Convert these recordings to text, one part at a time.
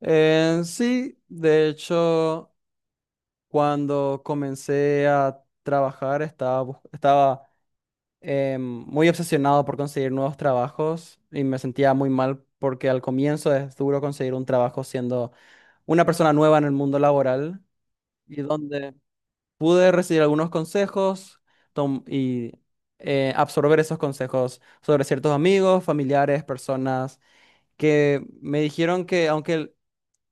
Sí, de hecho, cuando comencé a trabajar estaba, estaba muy obsesionado por conseguir nuevos trabajos y me sentía muy mal porque al comienzo es duro conseguir un trabajo siendo una persona nueva en el mundo laboral y donde pude recibir algunos consejos tom- y absorber esos consejos sobre ciertos amigos, familiares, personas que me dijeron que aunque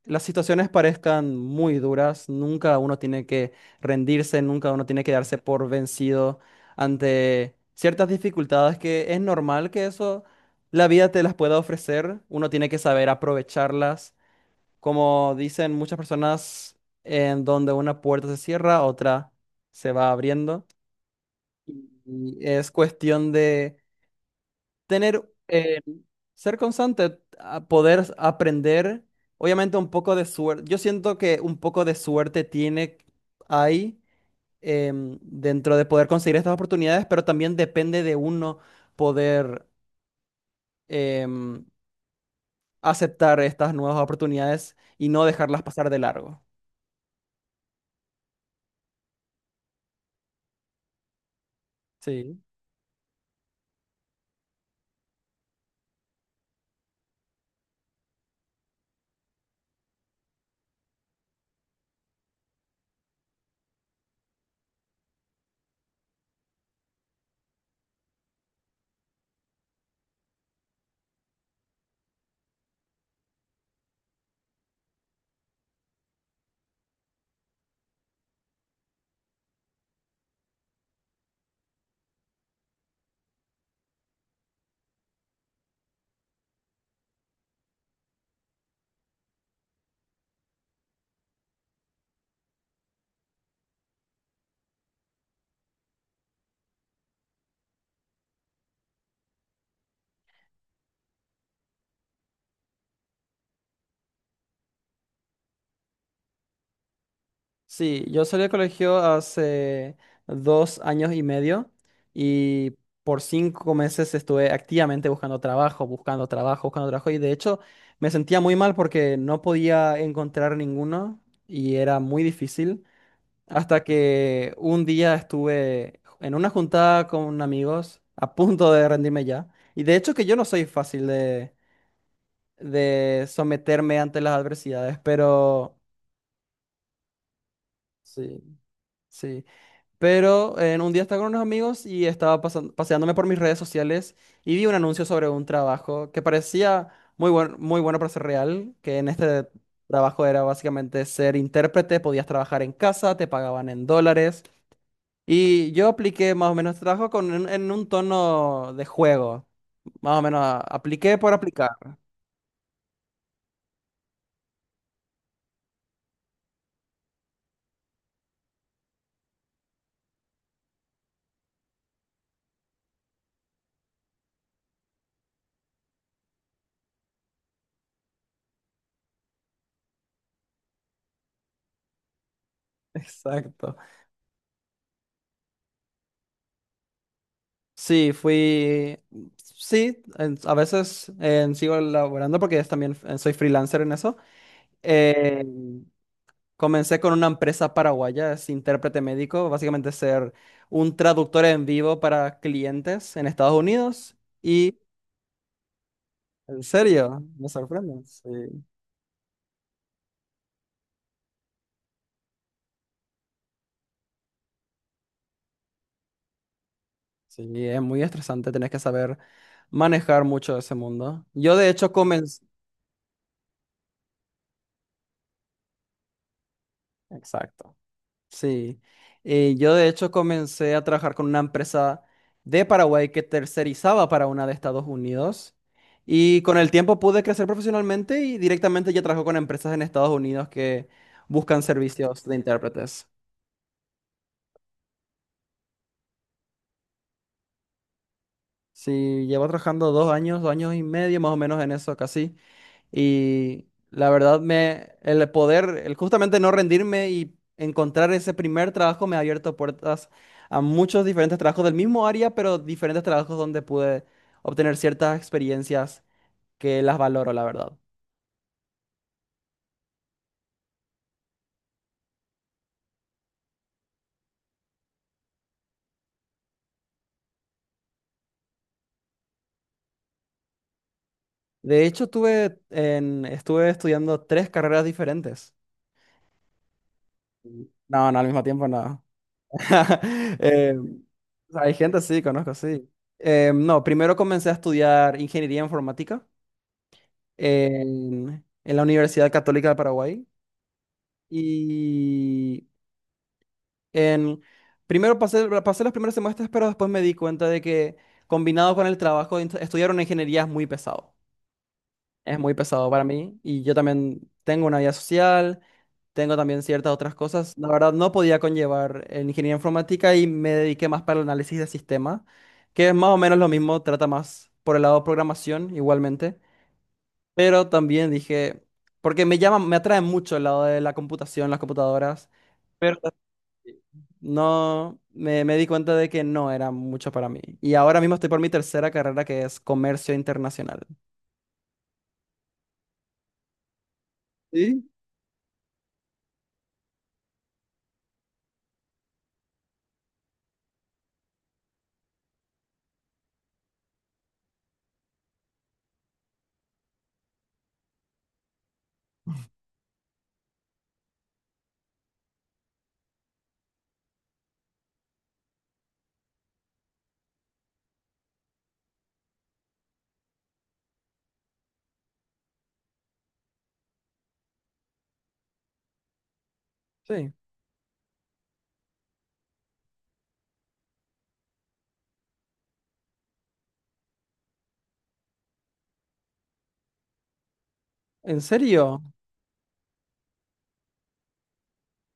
las situaciones parezcan muy duras, nunca uno tiene que rendirse, nunca uno tiene que darse por vencido ante ciertas dificultades que es normal que eso la vida te las pueda ofrecer, uno tiene que saber aprovecharlas. Como dicen muchas personas, en donde una puerta se cierra, otra se va abriendo. Y es cuestión de tener, ser constante, a poder aprender, obviamente un poco de suerte. Yo siento que un poco de suerte tiene ahí, dentro de poder conseguir estas oportunidades, pero también depende de uno poder em, aceptar estas nuevas oportunidades y no dejarlas pasar de largo. Sí. Sí, yo salí del colegio hace 2 años y medio y por 5 meses estuve activamente buscando trabajo, buscando trabajo, buscando trabajo, y de hecho me sentía muy mal porque no podía encontrar ninguno y era muy difícil hasta que un día estuve en una juntada con amigos a punto de rendirme ya. Y de hecho que yo no soy fácil de someterme ante las adversidades, pero sí, sí. Pero en un día estaba con unos amigos y estaba paseándome por mis redes sociales y vi un anuncio sobre un trabajo que parecía muy bueno, muy bueno para ser real, que en este trabajo era básicamente ser intérprete, podías trabajar en casa, te pagaban en dólares, y yo apliqué más o menos este trabajo con en un tono de juego. Más o menos apliqué por aplicar. Exacto. Sí, fui. Sí, a veces sigo laborando porque es también soy freelancer en eso. Eh, Comencé con una empresa paraguaya, es intérprete médico, básicamente ser un traductor en vivo para clientes en Estados Unidos. Y en serio, me sorprende. Sí, sí, es muy estresante, tenés que saber manejar mucho ese mundo. Yo de hecho comencé... Exacto. Sí, yo de hecho comencé a trabajar con una empresa de Paraguay que tercerizaba para una de Estados Unidos, y con el tiempo pude crecer profesionalmente y directamente ya trabajo con empresas en Estados Unidos que buscan servicios de intérpretes. Sí, llevo trabajando 2 años, 2 años y medio más o menos en eso casi. Y la verdad, el poder, el justamente no rendirme y encontrar ese primer trabajo me ha abierto puertas a muchos diferentes trabajos del mismo área, pero diferentes trabajos donde pude obtener ciertas experiencias que las valoro, la verdad. De hecho, estuve estudiando tres carreras diferentes. No, no, al mismo tiempo no. Eh, Hay gente, sí, conozco, sí. No, primero comencé a estudiar ingeniería informática. En la Universidad Católica de Paraguay. Y en, primero pasé los primeros semestres, pero después me di cuenta de que combinado con el trabajo, estudiar una ingeniería es muy pesado. Es muy pesado para mí. Y yo también tengo una vida social, tengo también ciertas otras cosas. La verdad, no podía conllevar en ingeniería informática y me dediqué más para el análisis de sistemas, que es más o menos lo mismo, trata más por el lado de programación igualmente. Pero también dije, porque me atrae mucho el lado de la computación, las computadoras, pero no, me di cuenta de que no era mucho para mí. Y ahora mismo estoy por mi tercera carrera, que es comercio internacional. ¿Sí? Sí. ¿En serio?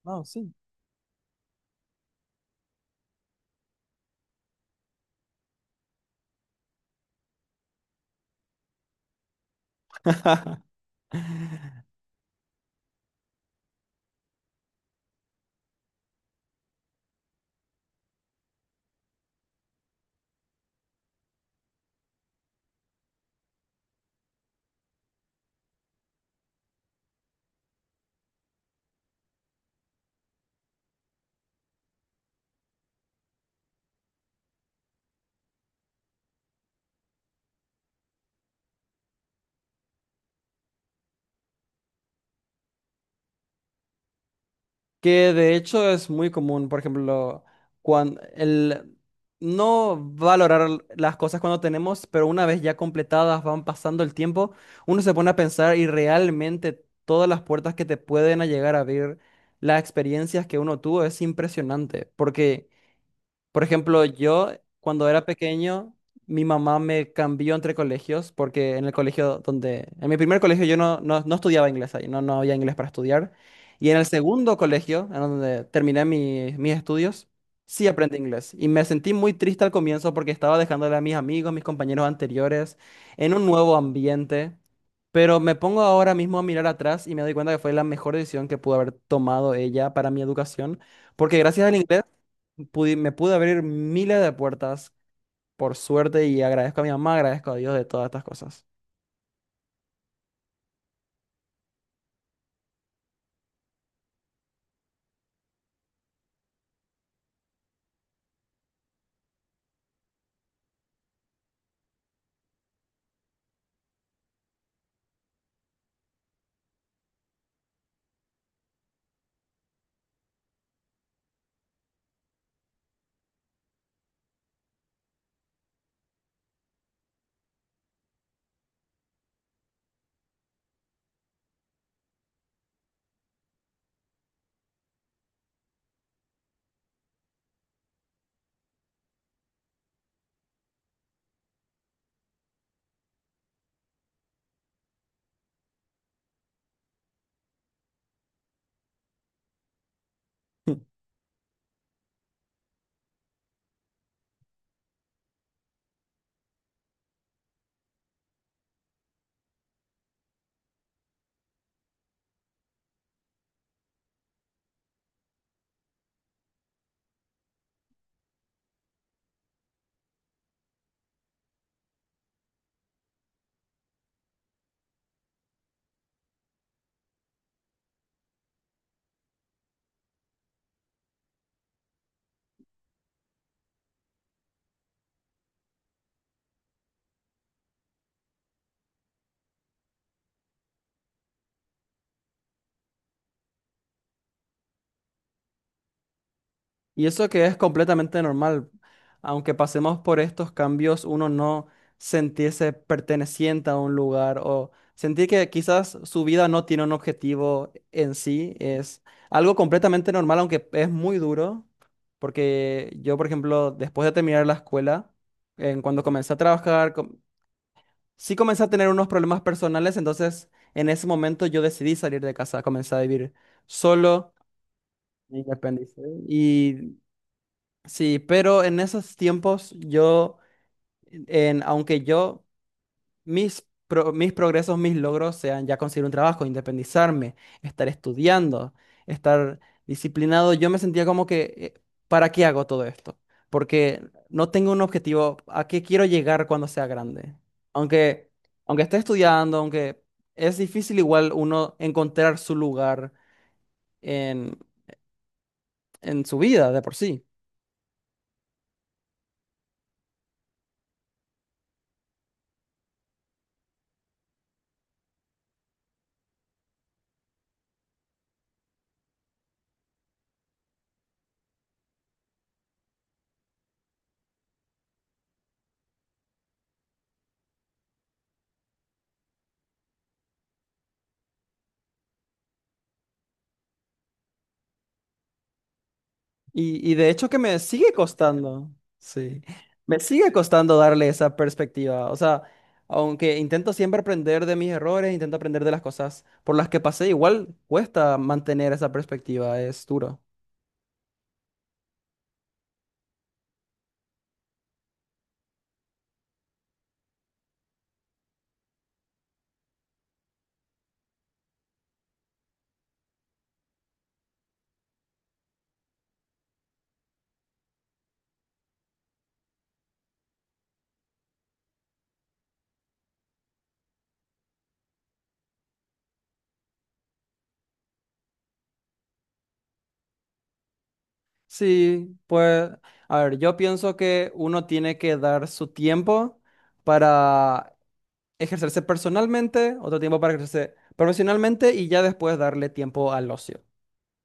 No, sí. Que de hecho es muy común, por ejemplo, cuando el no valorar las cosas cuando tenemos, pero una vez ya completadas van pasando el tiempo, uno se pone a pensar, y realmente todas las puertas que te pueden a llegar a abrir, las experiencias que uno tuvo es impresionante, porque por ejemplo, yo cuando era pequeño, mi mamá me cambió entre colegios porque en el colegio en mi primer colegio yo no estudiaba inglés ahí, no, no había inglés para estudiar. Y en el segundo colegio, en donde terminé mis estudios, sí aprendí inglés. Y me sentí muy triste al comienzo porque estaba dejándole a mis amigos, mis compañeros anteriores, en un nuevo ambiente. Pero me pongo ahora mismo a mirar atrás y me doy cuenta que fue la mejor decisión que pudo haber tomado ella para mi educación, porque gracias al inglés me pude abrir miles de puertas, por suerte, y agradezco a mi mamá, agradezco a Dios de todas estas cosas. Y eso que es completamente normal, aunque pasemos por estos cambios, uno no sentirse perteneciente a un lugar o sentir que quizás su vida no tiene un objetivo en sí, es algo completamente normal, aunque es muy duro, porque yo, por ejemplo, después de terminar la escuela, en cuando comencé a trabajar, sí comencé a tener unos problemas personales, entonces en ese momento yo decidí salir de casa, comencé a vivir solo, me independicé. Y sí, pero en esos tiempos aunque yo mis progresos, mis logros sean ya conseguir un trabajo, independizarme, estar estudiando, estar disciplinado. Yo me sentía como que, ¿para qué hago todo esto? Porque no tengo un objetivo a qué quiero llegar cuando sea grande. Aunque, Aunque esté estudiando, aunque es difícil igual uno encontrar su lugar en, en su vida de por sí. Y de hecho que me sigue costando, sí, me sigue costando darle esa perspectiva. O sea, aunque intento siempre aprender de mis errores, intento aprender de las cosas por las que pasé, igual cuesta mantener esa perspectiva, es duro. Sí, pues, a ver, yo pienso que uno tiene que dar su tiempo para ejercerse personalmente, otro tiempo para ejercerse profesionalmente y ya después darle tiempo al ocio.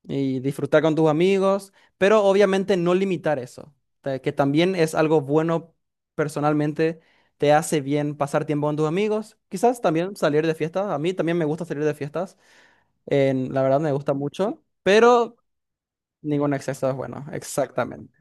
Y disfrutar con tus amigos, pero obviamente no limitar eso, que también es algo bueno personalmente, te hace bien pasar tiempo con tus amigos, quizás también salir de fiestas, a mí también me gusta salir de fiestas, la verdad me gusta mucho, pero ningún exceso es bueno, exactamente.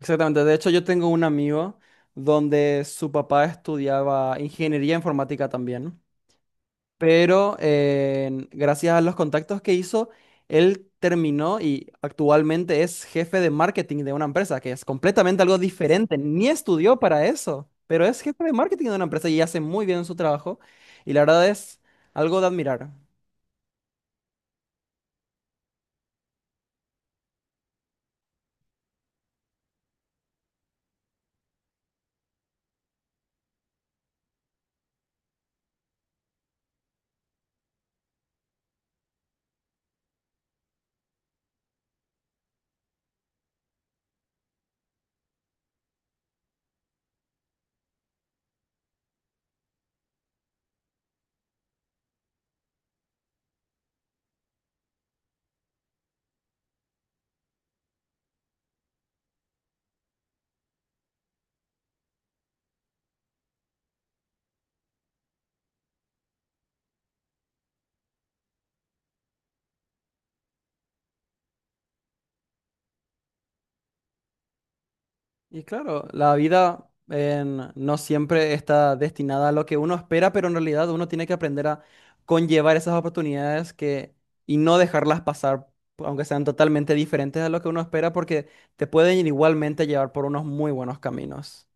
Exactamente, de hecho yo tengo un amigo donde su papá estudiaba ingeniería informática también. Pero gracias a los contactos que hizo, él terminó y actualmente es jefe de marketing de una empresa, que es completamente algo diferente, ni estudió para eso, pero es jefe de marketing de una empresa y hace muy bien su trabajo y la verdad es algo de admirar. Y claro, la vida no siempre está destinada a lo que uno espera, pero en realidad uno tiene que aprender a conllevar esas oportunidades y no dejarlas pasar, aunque sean totalmente diferentes a lo que uno espera, porque te pueden igualmente llevar por unos muy buenos caminos.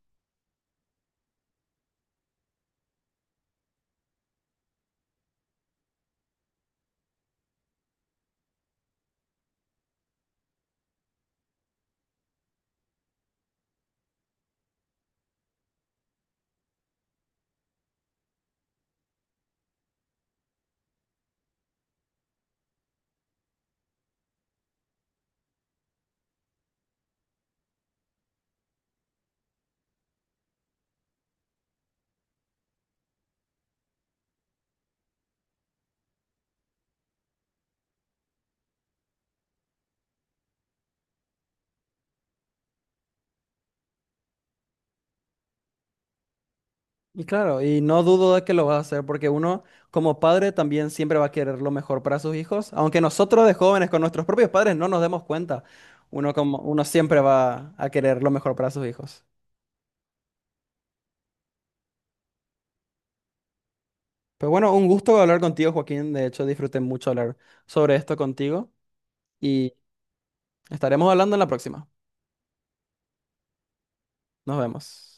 Y claro, y no dudo de que lo vas a hacer, porque uno como padre también siempre va a querer lo mejor para sus hijos, aunque nosotros de jóvenes con nuestros propios padres no nos demos cuenta, uno siempre va a querer lo mejor para sus hijos. Pero bueno, un gusto hablar contigo, Joaquín. De hecho, disfruté mucho hablar sobre esto contigo y estaremos hablando en la próxima. Nos vemos.